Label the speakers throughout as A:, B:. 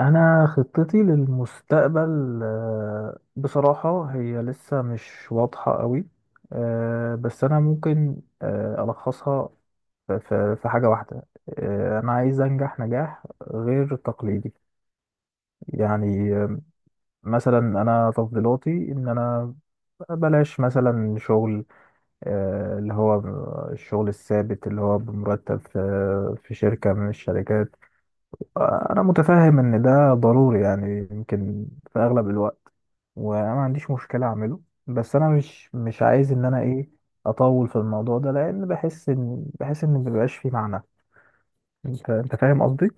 A: انا خطتي للمستقبل بصراحة هي لسه مش واضحة قوي. بس انا ممكن الخصها في حاجة واحدة. انا عايز انجح نجاح غير تقليدي، يعني مثلا انا تفضيلاتي ان انا بلاش مثلا شغل اللي هو الشغل الثابت اللي هو بمرتب في شركة من الشركات. انا متفاهم ان ده ضروري، يعني يمكن في اغلب الوقت، وانا ما عنديش مشكله اعمله. بس انا مش عايز ان انا ايه اطول في الموضوع ده، لان بحس ان مبيبقاش فيه معنى. انت فاهم قصدي؟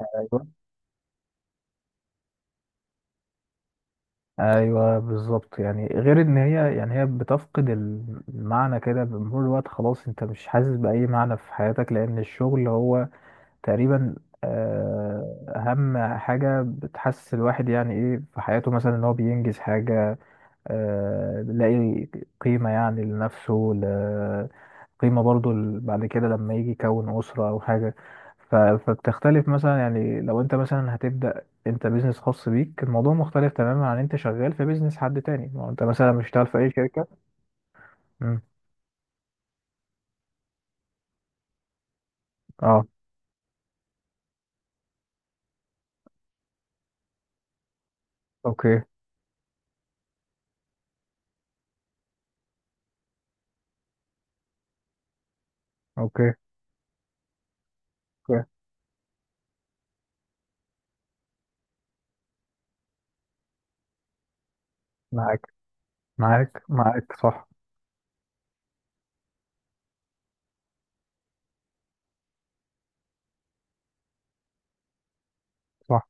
A: ايوه، ايوه، بالظبط، يعني غير ان هي، يعني هي بتفقد المعنى كده بمرور الوقت، خلاص انت مش حاسس باي معنى في حياتك، لان الشغل هو تقريبا اهم حاجه بتحسس الواحد يعني ايه في حياته، مثلا ان هو بينجز حاجه، بيلاقي قيمة يعني لنفسه، قيمة برضو بعد كده لما يجي يكون أسرة أو حاجة. فبتختلف مثلا، يعني لو أنت مثلا هتبدأ أنت بيزنس خاص بيك الموضوع مختلف تماما عن أنت شغال في بيزنس حد تاني، ما هو أنت مثلا مش شغال في أي شركة. مم. أه. أوكي. أوكي. أوكي. معاك. معاك. معاك صح. صح.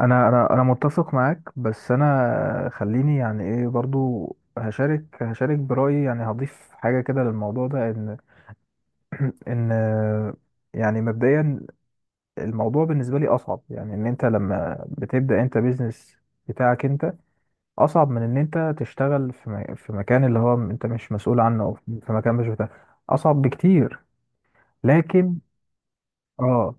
A: أنا متفق معاك، بس أنا خليني يعني إيه برضو هشارك برأيي، يعني هضيف حاجة كده للموضوع ده إن ان يعني مبدئيا الموضوع بالنسبه لي اصعب، يعني ان انت لما بتبدا انت بيزنس بتاعك انت، اصعب من ان انت تشتغل في في مكان اللي هو انت مش مسؤول عنه، او في مكان مش بتاعك، اصعب بكتير. لكن اه،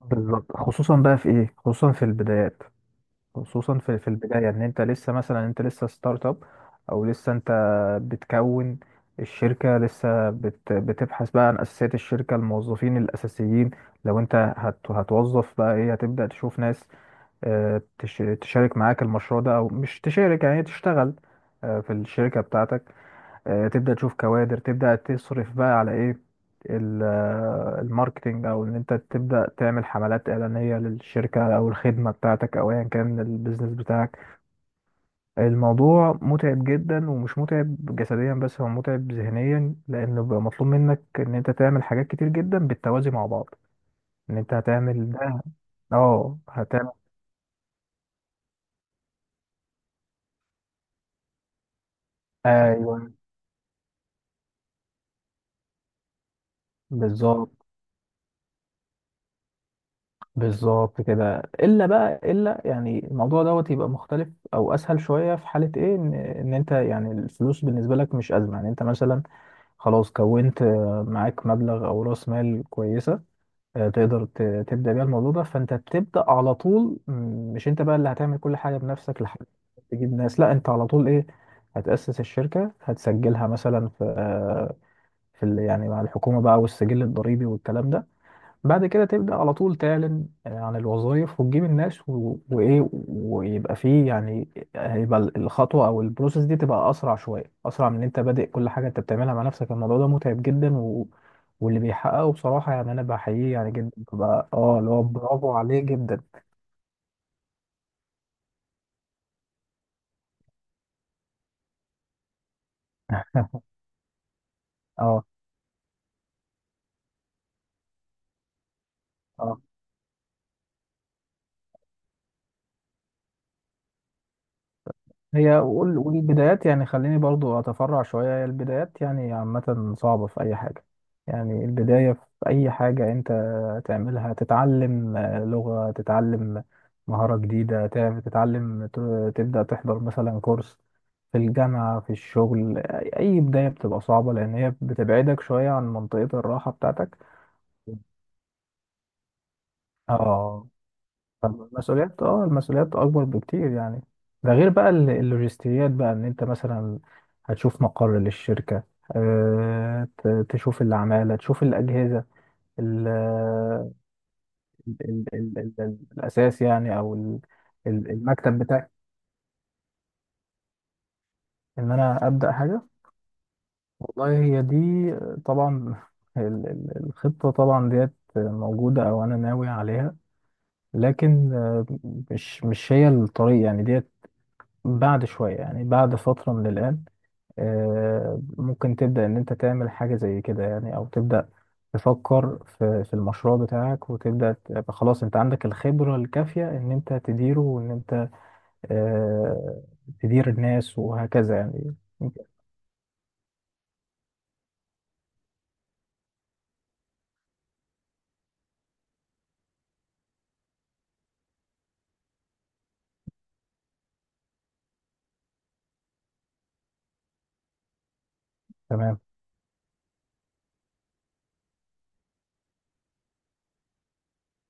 A: بالظبط خصوصا بقى في ايه، خصوصا في البدايات، خصوصا في البداية ان انت لسه مثلا انت لسه ستارت اب، او لسه انت بتكون الشركة لسه بتبحث بقى عن اساسيات الشركة، الموظفين الاساسيين. لو انت هتوظف بقى ايه هتبدأ تشوف ناس تشارك معاك المشروع ده او مش تشارك، يعني تشتغل في الشركة بتاعتك. تبدأ تشوف كوادر، تبدأ تصرف بقى على ايه الماركتينج، او ان انت تبدأ تعمل حملات إعلانية للشركة او الخدمة بتاعتك او ايا كان البيزنس بتاعك. الموضوع متعب جدا، ومش متعب جسديا بس هو متعب ذهنيا، لان بيبقى مطلوب منك ان انت تعمل حاجات كتير جدا بالتوازي مع بعض، ان انت هتعمل ده، اه هتعمل. ايوه. بالظبط، بالظبط كده، الا بقى يعني الموضوع دوت يبقى مختلف او اسهل شويه في حاله ايه، ان انت يعني الفلوس بالنسبه لك مش ازمه، يعني انت مثلا خلاص كونت معاك مبلغ او راس مال كويسه، تقدر تبدا بيها الموضوع ده، فانت بتبدا على طول. مش انت بقى اللي هتعمل كل حاجه بنفسك لحد ما تجيب ناس، لا انت على طول ايه هتاسس الشركه، هتسجلها مثلا في في يعني مع الحكومه بقى والسجل الضريبي والكلام ده. بعد كده تبدأ على طول تعلن عن الوظائف وتجيب الناس وإيه، ويبقى فيه يعني هيبقى الخطوة أو البروسيس دي تبقى أسرع شوية، أسرع من إن أنت بادئ كل حاجة أنت بتعملها مع نفسك. الموضوع ده متعب جدا واللي بيحققه بصراحة يعني أنا بحييه يعني جدا، ببقى أه اللي هو برافو عليه جدا. أه. أه. هي والبدايات يعني، خليني برضو أتفرع شوية، هي البدايات يعني عامة صعبة في أي حاجة، يعني البداية في أي حاجة أنت تعملها، تتعلم لغة، تتعلم مهارة جديدة، تتعلم تبدأ تحضر مثلا كورس في الجامعة، في الشغل. أي بداية بتبقى صعبة، لأن هي بتبعدك شوية عن منطقة الراحة بتاعتك. اه المسؤوليات اكبر بكتير يعني، ده غير بقى اللوجستيات بقى ان انت مثلا هتشوف مقر للشركة، تشوف العمالة، تشوف الأجهزة، ال ال ال ال ال الأساس يعني، أو المكتب بتاعي، إن أنا أبدأ حاجة. والله هي دي، طبعا الخطة طبعا ديت موجودة أو أنا ناوي عليها، لكن مش هي الطريق يعني ديت، بعد شوية يعني، بعد فترة من الآن ممكن تبدأ إن أنت تعمل حاجة زي كده يعني، أو تبدأ تفكر في المشروع بتاعك، وتبدأ تبقى خلاص أنت عندك الخبرة الكافية إن أنت تديره، وإن أنت آه، تدير الناس وهكذا يعني. تمام.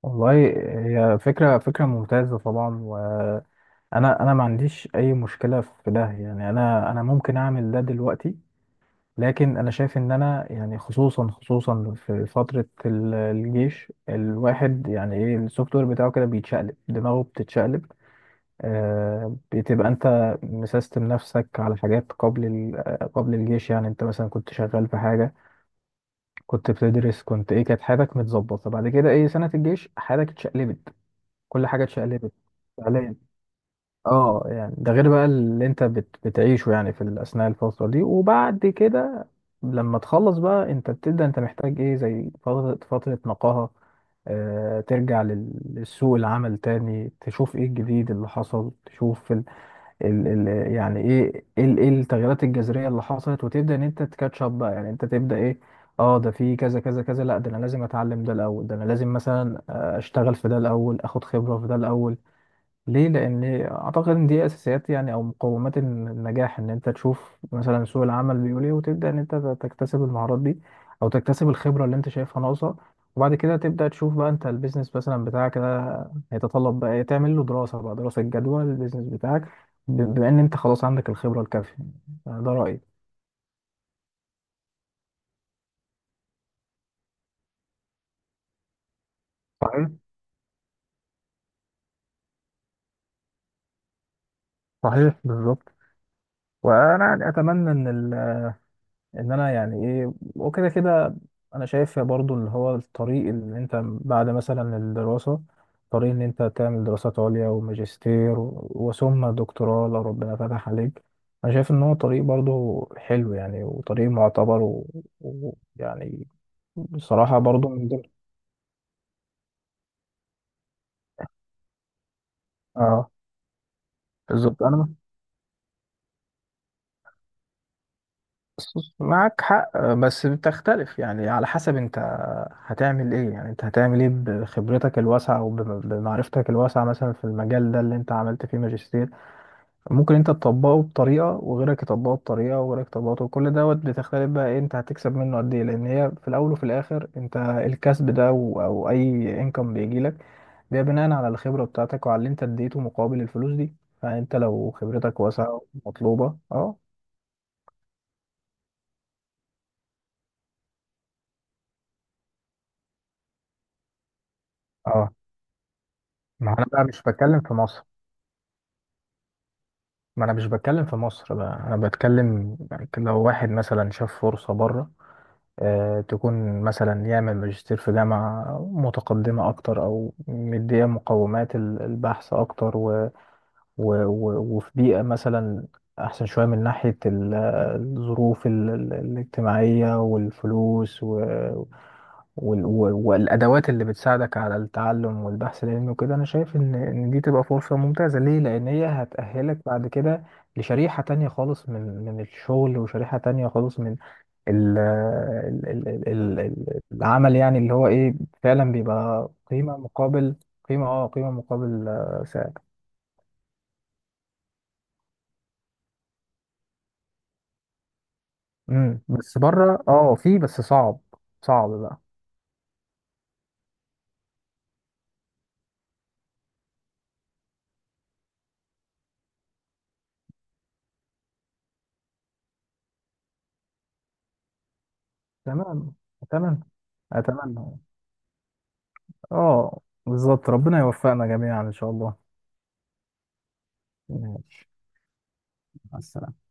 A: والله هي فكرة، فكرة ممتازة طبعا، وأنا ما عنديش أي مشكلة في ده يعني، أنا ممكن أعمل ده دلوقتي، لكن انا شايف ان انا يعني خصوصا في فتره الجيش الواحد يعني ايه، السوفت وير بتاعه كده بيتشقلب، دماغه بتتشقلب، آه بتبقى انت مسيستم نفسك على حاجات قبل قبل الجيش. يعني انت مثلا كنت شغال في حاجه، كنت بتدرس، كنت ايه، كانت حياتك متظبطه، بعد كده ايه سنه الجيش حياتك اتشقلبت، كل حاجه اتشقلبت فعليا. اه، يعني ده غير بقى اللي انت بتعيشه يعني في اثناء الفتره دي، وبعد كده لما تخلص بقى انت بتبدا، انت محتاج ايه، زي فتره نقاهه، آه ترجع للسوق العمل تاني، تشوف ايه الجديد اللي حصل، تشوف ال ال ال يعني ايه ايه إيه التغييرات الجذريه اللي حصلت، وتبدا ان انت تكاتشب بقى، يعني انت تبدا ايه، اه ده في كذا كذا كذا، لا ده انا لازم اتعلم ده الاول، ده انا لازم مثلا اشتغل في ده الاول، اخد خبره في ده الاول. ليه؟ لان اعتقد ان دي اساسيات يعني، او مقومات النجاح، ان انت تشوف مثلا سوق العمل بيقول ايه، وتبدا ان انت تكتسب المهارات دي، او تكتسب الخبره اللي انت شايفها ناقصه. وبعد كده تبدا تشوف بقى انت البيزنس مثلا بتاعك ده هيتطلب بقى إيه، تعمل له دراسه بقى، دراسه جدوى للبيزنس بتاعك، بما ان انت خلاص عندك الخبره الكافيه، ده رايي. صحيح. صحيح بالظبط. وانا يعني اتمنى ان انا يعني ايه، وكده كده انا شايف برضو اللي هو الطريق، اللي انت بعد مثلا الدراسة طريق ان انت تعمل دراسات عليا، وماجستير وثم دكتوراه لو ربنا فتح عليك، انا شايف ان هو طريق برضو حلو يعني، وطريق معتبر، ويعني يعني بصراحة برضو من ضمن. اه بالظبط، انا بص، معك حق، بس بتختلف يعني على حسب انت هتعمل ايه، يعني انت هتعمل ايه بخبرتك الواسعة وبمعرفتك الواسعة مثلا في المجال ده اللي انت عملت فيه ماجستير، ممكن انت تطبقه بطريقة، وغيرك يطبقه بطريقة، وغيرك يطبقه، كل دوت بتختلف بقى ايه انت هتكسب منه قد ايه، لان هي في الاول وفي الاخر انت الكسب ده او اي انكم بيجيلك ده بناء على الخبرة بتاعتك وعلى اللي انت اديته مقابل الفلوس دي، فانت لو خبرتك واسعة ومطلوبة اه. اه، ما هو انا بقى مش بتكلم في مصر، ما انا مش بتكلم في مصر بقى، انا بتكلم يعني لو واحد مثلا شاف فرصة بره آه، تكون مثلا يعمل ماجستير في جامعة متقدمة اكتر، او مدية مقومات البحث اكتر و و و وفي بيئة مثلا احسن شوية من ناحية الظروف الاجتماعية والفلوس والادوات اللي بتساعدك على التعلم والبحث العلمي وكده. انا شايف ان دي تبقى فرصه ممتازه، ليه، لان هي هتأهلك بعد كده لشريحه تانية خالص من الشغل، وشريحه تانية خالص من العمل، يعني اللي هو ايه، فعلا بيبقى قيمه مقابل قيمه، اه قيمه مقابل سعر. بس بره اه، في، بس صعب، صعب بقى. تمام. تمام. اتمنى. اه بالظبط، ربنا يوفقنا جميعا ان شاء الله. ماشي، مع السلامة.